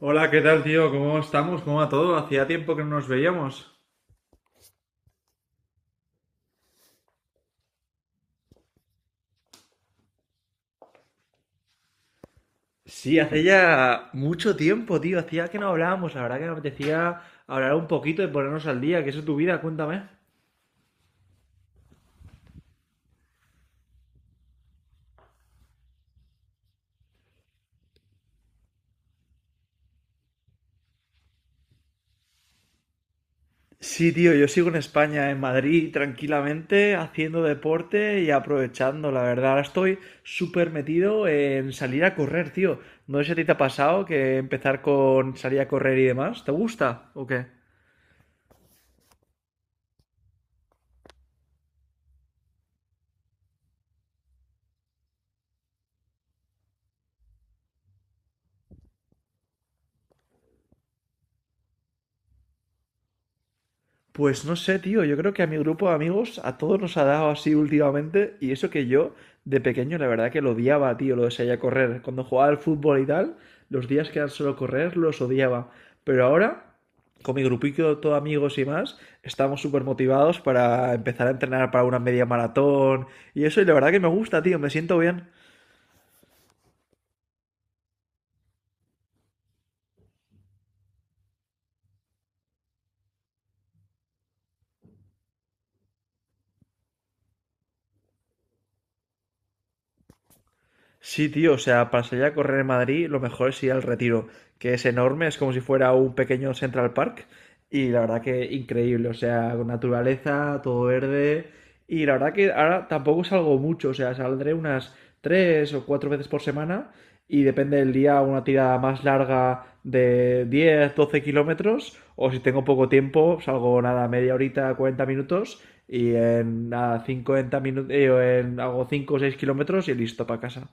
Hola, ¿qué tal, tío? ¿Cómo estamos? ¿Cómo va todo? Hacía tiempo que no nos veíamos. Sí, hace ya mucho tiempo, tío. Hacía que no hablábamos. La verdad que me apetecía hablar un poquito y ponernos al día. ¿Qué es de tu vida? Cuéntame. Sí, tío, yo sigo en España, en Madrid, tranquilamente, haciendo deporte y aprovechando. La verdad, ahora estoy súper metido en salir a correr, tío. No sé si a ti te ha pasado que empezar con salir a correr y demás. ¿Te gusta o qué? Pues no sé, tío, yo creo que a mi grupo de amigos a todos nos ha dado así últimamente, y eso que yo de pequeño la verdad que lo odiaba, tío, lo de salir a correr. Cuando jugaba al fútbol y tal, los días que eran solo correr los odiaba. Pero ahora, con mi grupito de todo amigos y más, estamos súper motivados para empezar a entrenar para una media maratón y eso, y la verdad que me gusta, tío, me siento bien. Sí, tío, o sea, para salir a correr en Madrid, lo mejor es ir al Retiro, que es enorme, es como si fuera un pequeño Central Park, y la verdad que increíble, o sea, con naturaleza, todo verde, y la verdad que ahora tampoco salgo mucho, o sea, saldré unas tres o cuatro veces por semana, y depende del día, una tirada más larga de 10, 12 kilómetros, o si tengo poco tiempo, salgo nada, media horita, 40 minutos, y en nada, 50 minutos, hago 5 o 6 kilómetros y listo para casa.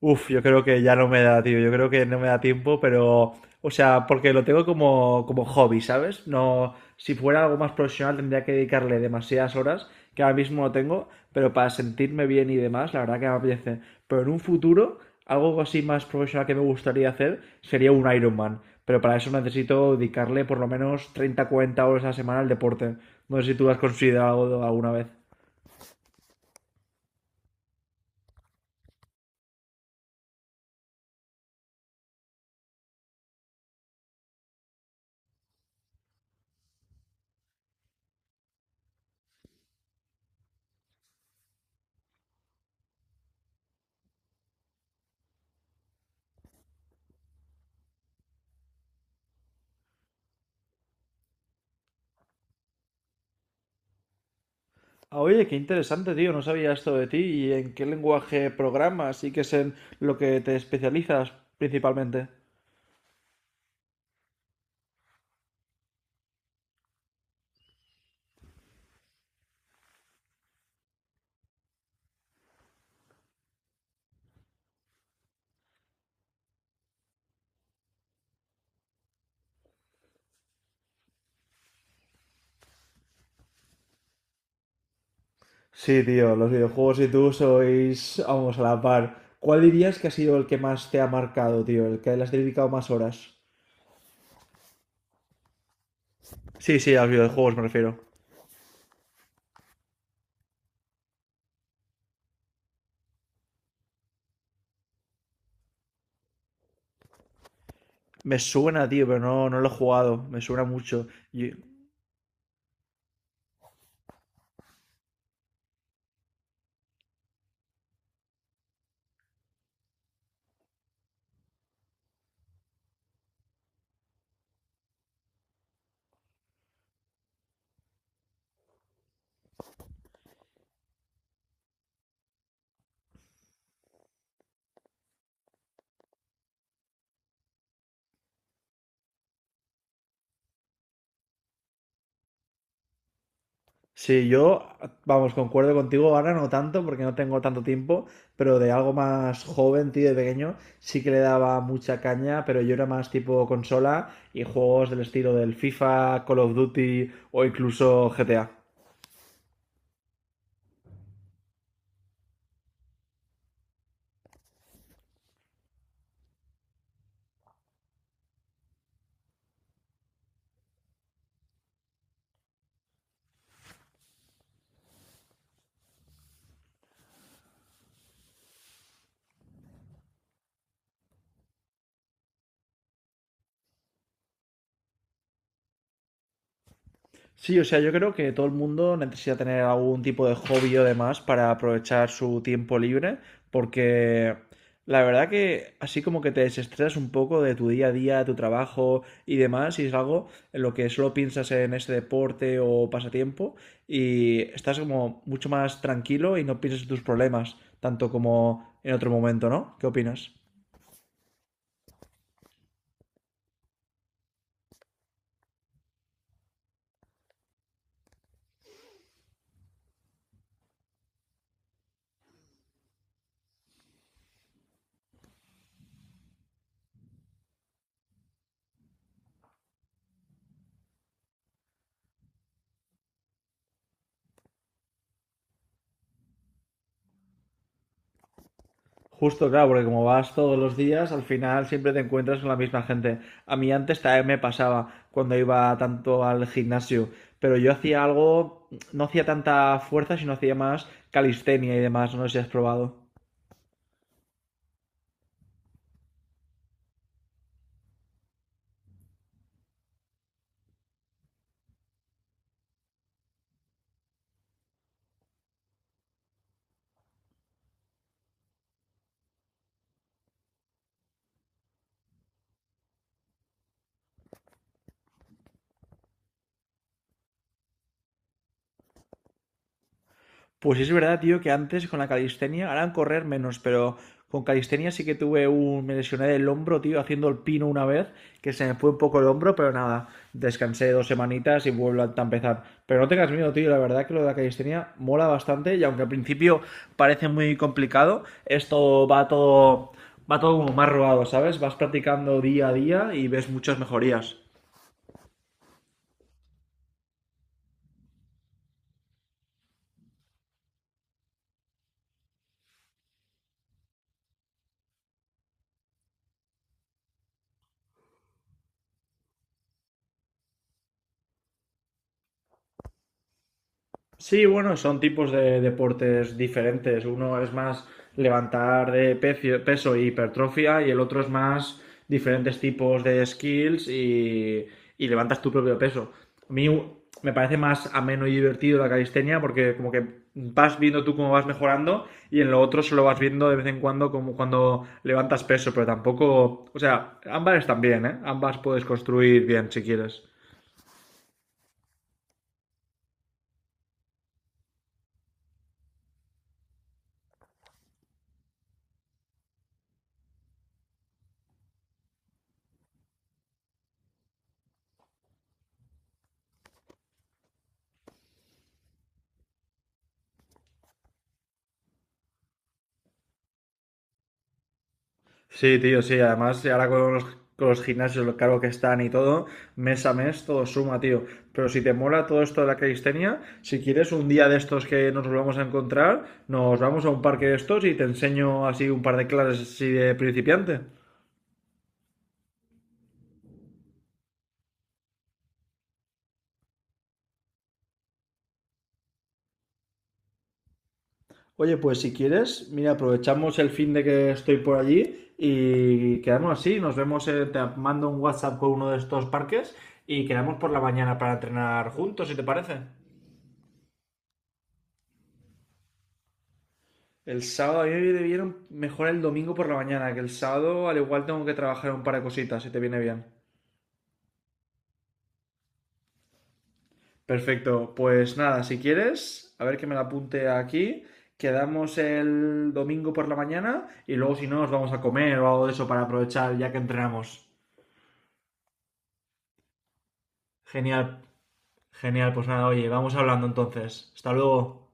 Uf, yo creo que ya no me da, tío. Yo creo que no me da tiempo, pero. O sea, porque lo tengo como hobby, ¿sabes? No. Si fuera algo más profesional tendría que dedicarle demasiadas horas, que ahora mismo no tengo, pero para sentirme bien y demás, la verdad que me apetece. Pero en un futuro, algo así más profesional que me gustaría hacer sería un Ironman. Pero para eso necesito dedicarle por lo menos 30, 40 horas a la semana al deporte. No sé si tú has considerado alguna vez. Ah, oye, qué interesante, tío. No sabía esto de ti. ¿Y en qué lenguaje programas y qué es en lo que te especializas principalmente? Sí, tío, los videojuegos y tú sois, vamos, a la par. ¿Cuál dirías que ha sido el que más te ha marcado, tío? ¿El que le has dedicado más horas? Sí, sí, a los videojuegos me refiero. Me suena, tío, pero no, no lo he jugado. Me suena mucho. Sí, yo, vamos, concuerdo contigo, ahora no tanto porque no tengo tanto tiempo, pero de algo más joven, tío, de pequeño, sí que le daba mucha caña, pero yo era más tipo consola y juegos del estilo del FIFA, Call of Duty o incluso GTA. Sí, o sea, yo creo que todo el mundo necesita tener algún tipo de hobby o demás para aprovechar su tiempo libre, porque la verdad que así como que te desestresas un poco de tu día a día, tu trabajo y demás, y es algo en lo que solo piensas en ese deporte o pasatiempo y estás como mucho más tranquilo y no piensas en tus problemas, tanto como en otro momento, ¿no? ¿Qué opinas? Justo, claro, porque como vas todos los días, al final siempre te encuentras con la misma gente. A mí antes también me pasaba cuando iba tanto al gimnasio, pero yo hacía algo, no hacía tanta fuerza, sino hacía más calistenia y demás, no sé si has probado. Pues es verdad, tío, que antes con la calistenia, ahora correr menos, pero con calistenia sí que tuve un... Me lesioné del hombro, tío, haciendo el pino una vez, que se me fue un poco el hombro, pero nada, descansé dos semanitas y vuelvo a empezar. Pero no tengas miedo, tío, la verdad que lo de la calistenia mola bastante, y aunque al principio parece muy complicado, Va todo como más robado, ¿sabes? Vas practicando día a día y ves muchas mejorías. Sí, bueno, son tipos de deportes diferentes. Uno es más levantar peso y hipertrofia, y el otro es más diferentes tipos de skills y levantas tu propio peso. A mí me parece más ameno y divertido la calistenia, porque como que vas viendo tú cómo vas mejorando, y en lo otro solo vas viendo de vez en cuando, como cuando levantas peso, pero tampoco, o sea, ambas están bien, ¿eh? Ambas puedes construir bien si quieres. Sí, tío, sí, además ahora con los gimnasios, lo caro que están y todo, mes a mes todo suma, tío. Pero si te mola todo esto de la calistenia, si quieres un día de estos que nos volvamos a encontrar, nos vamos a un parque de estos y te enseño así un par de clases así de principiante. Oye, pues si quieres, mira, aprovechamos el fin de que estoy por allí y quedamos así, nos vemos, te mando un WhatsApp con uno de estos parques y quedamos por la mañana para entrenar juntos, si te parece. El sábado, a mí me debieron mejor el domingo por la mañana, que el sábado al igual tengo que trabajar un par de cositas, si te viene bien. Perfecto, pues nada, si quieres, a ver que me la apunte aquí. Quedamos el domingo por la mañana, y luego si no nos vamos a comer o algo de eso para aprovechar ya que entrenamos. Genial, genial, pues nada, oye, vamos hablando entonces. Hasta luego.